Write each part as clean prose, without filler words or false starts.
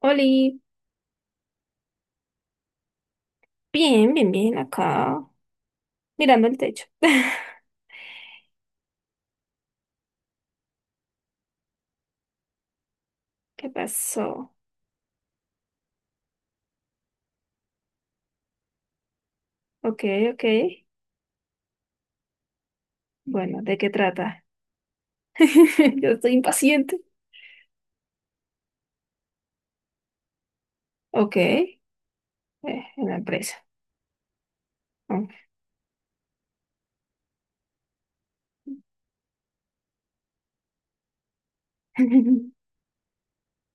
Oli, bien, bien, bien, acá, mirando el techo. ¿Qué pasó? Ok, ok. Bueno, ¿de qué trata? Yo estoy impaciente. Ok, en la empresa. Mm.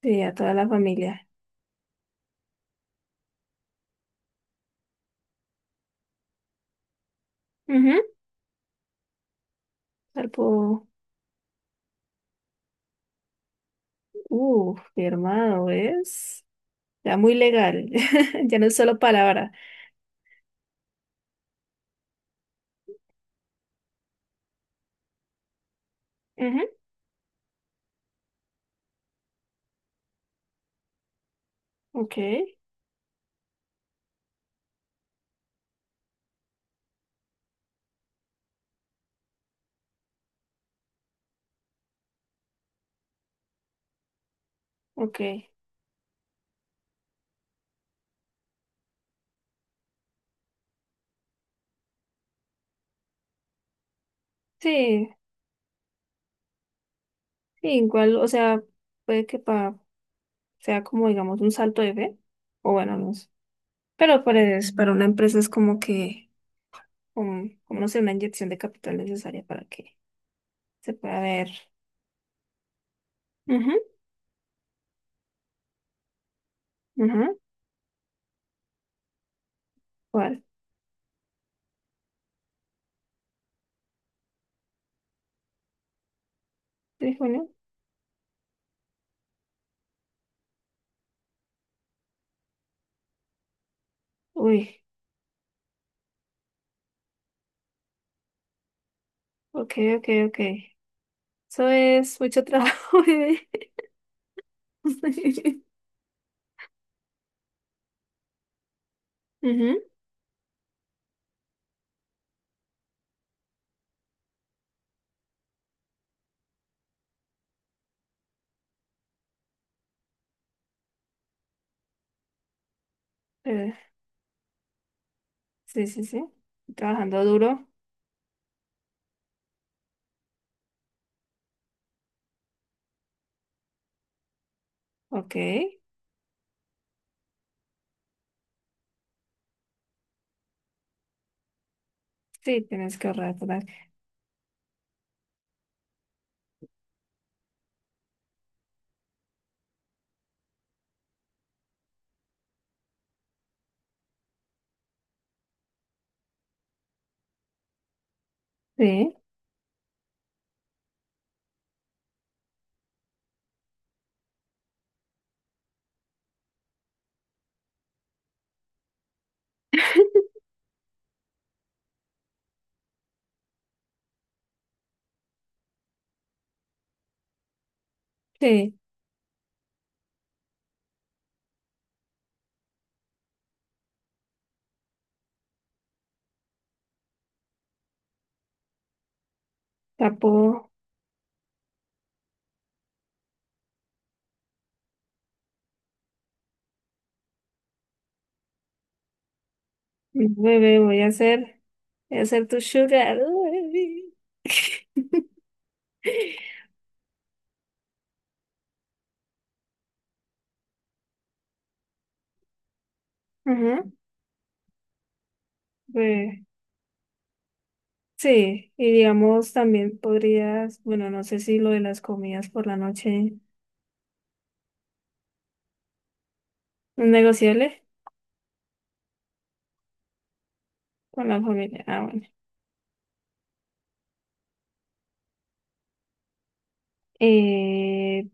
Sí, a toda la familia. Ujú, salvo, firmado, ¿ves? Ya muy legal. Ya no es solo palabra. Ujú, ok, ok. Sí, sí, igual, o sea, puede que pa sea como, digamos, un salto de fe. O bueno, no sé. Pero pues para una empresa es como que, como no sé, una inyección de capital necesaria para que se pueda ver. Ujú, ujú. ¿Cuál? ¿De junio? Uy, ok, ok, ok. Eso es mucho trabajo, bebé. Ujú, eh, sí, sí, sí. Trabajando duro. Ok. Sí, tienes que ahorrar, ¿verdad? Sí, sí. Tapo, bebé, voy a hacer tu sugar. Uy. Ujú, bebé. Sí, y digamos también podrías, bueno, no sé si lo de las comidas por la noche no es negociable con la familia. Ah, bueno. Eh,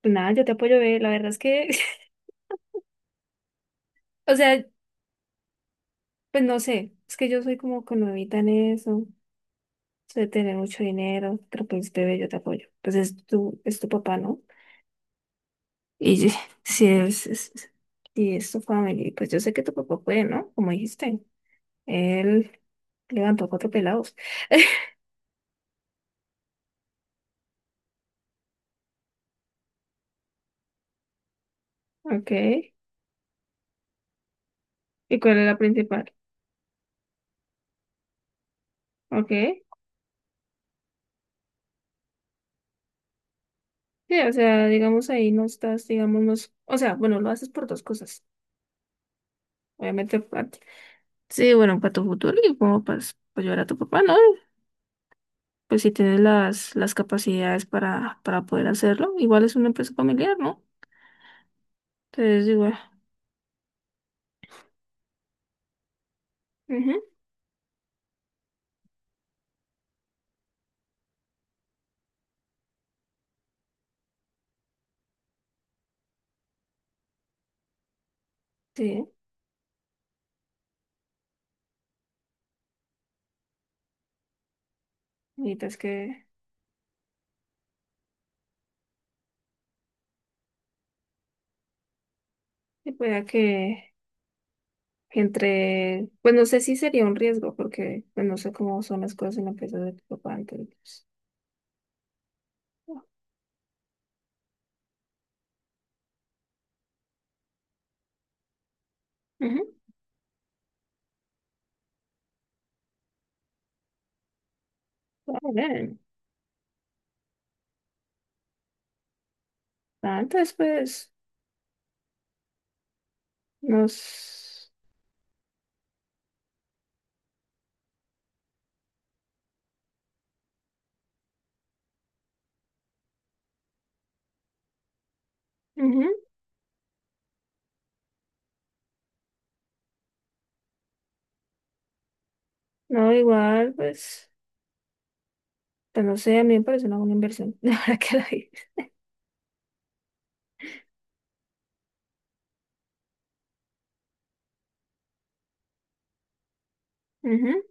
pues nada, yo te apoyo, ve, la verdad es que, o sea, pues no sé, es que yo soy como que nuevita en eso, sé tener mucho dinero, pero pues bebé, yo te apoyo. Pues es tu papá, ¿no? Y si es, es, si es tu familia, pues yo sé que tu papá puede, ¿no? Como dijiste, él levantó cuatro pelados. Ok. ¿Y cuál es la principal? Ok. Sí, o sea, digamos ahí no estás, digamos, no es- o sea, bueno, lo haces por dos cosas. Obviamente, pa- sí, bueno, para tu futuro y como para ayudar a tu papá, ¿no? Pues si tienes las capacidades para poder hacerlo, igual es una empresa familiar, ¿no? Entonces, igual. Ujú, sí, necesitas que pueda que entre, pues no sé si sería un riesgo, porque pues, no sé cómo son las cosas en la empresa de tu papá, entonces, pues, ujú, está bien. Ah, entonces, pues, nos... ujú. No, igual, pues, pues, no sé, a mí me parece una buena inversión, la verdad que la vi. Ujú,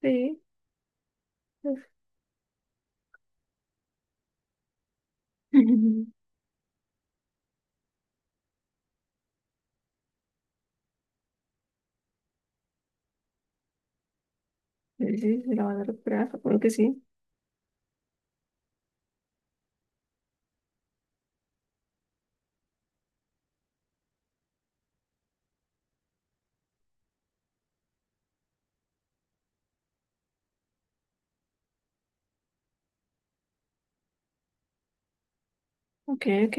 sí. Pues, ujú. Sí, sí, sí, la van a recuperar, supongo que sí. Ok, ok.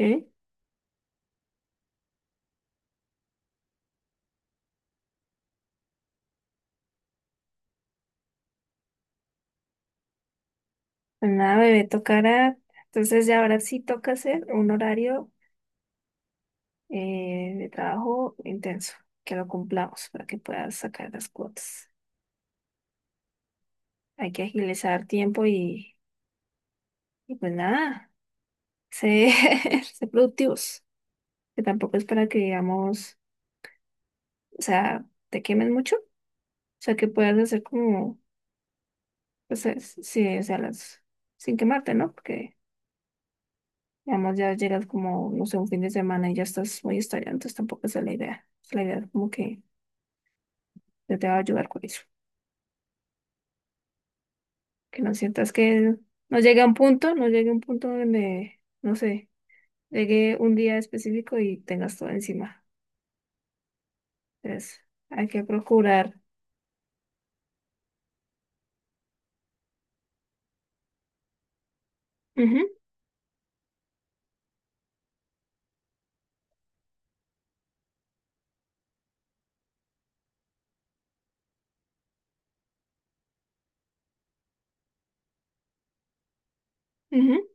Pues nada, bebé, tocará. Entonces, ya ahora sí toca hacer un horario de trabajo intenso, que lo cumplamos para que puedas sacar las cuotas. Hay que agilizar tiempo y pues nada, ser, ser productivos. Que tampoco es para que, digamos, o sea, te quemen mucho, o sea, que puedas hacer como, pues, es- sí, o sea, las, sin quemarte, ¿no? Porque, digamos, ya llegas como, no sé, un fin de semana y ya estás muy estallado, entonces tampoco esa es la idea. Es la idea como que yo te va a ayudar con eso, que no sientas que no llegue a un punto, no llegue a un punto donde, no sé, llegue un día específico y tengas todo encima. Entonces, hay que procurar. Ujú, ujú.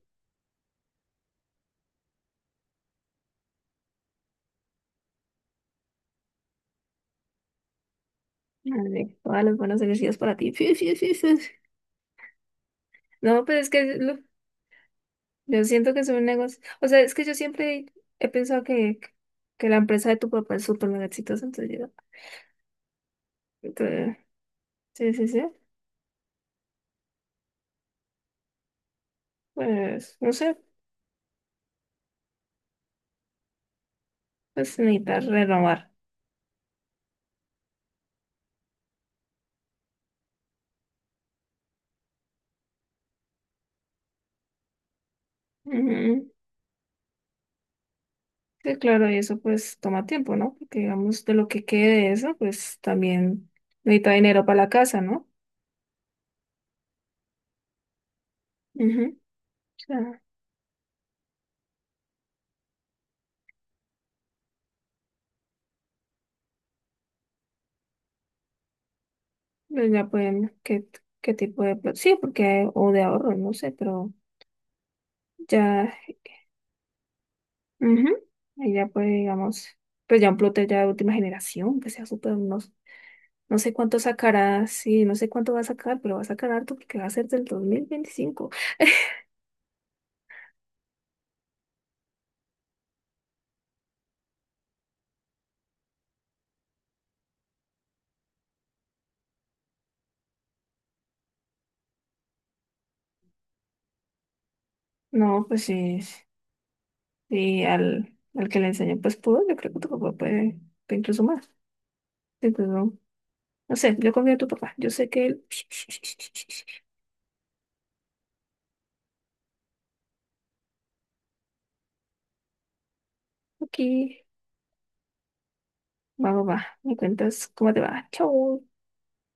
Vale, todas las buenas energías para ti. No, pues es que lo- yo siento que es un negocio. O sea, es que yo siempre he pensado que la empresa de tu papá es súper mega exitosa. Entonces, yo- entonces, sí, sí, sí. Pues, no sé, pues necesitas renovar. Ujú. Sí, claro, y eso pues toma tiempo, ¿no? Porque digamos, de lo que quede de eso, pues también necesita dinero para la casa, ¿no? Ujú. O sea, pues ya pueden, ¿qué, qué tipo de... pro- Sí, porque, o de ahorro, no sé, pero ya. Ujú. Y ya pues digamos, pues ya un plotter ya de última generación, que sea súper, no, no sé cuánto sacará, sí, no sé cuánto va a sacar, pero va a sacar harto porque va a ser del 2025. No, pues sí, sí, al, al que le enseñó pues pudo, yo creo que tu papá puede, puede incluso más. Incluso, no no sé, yo confío en tu papá, yo sé que él... Aquí, va, va, va, me cuentas cómo te va, chao.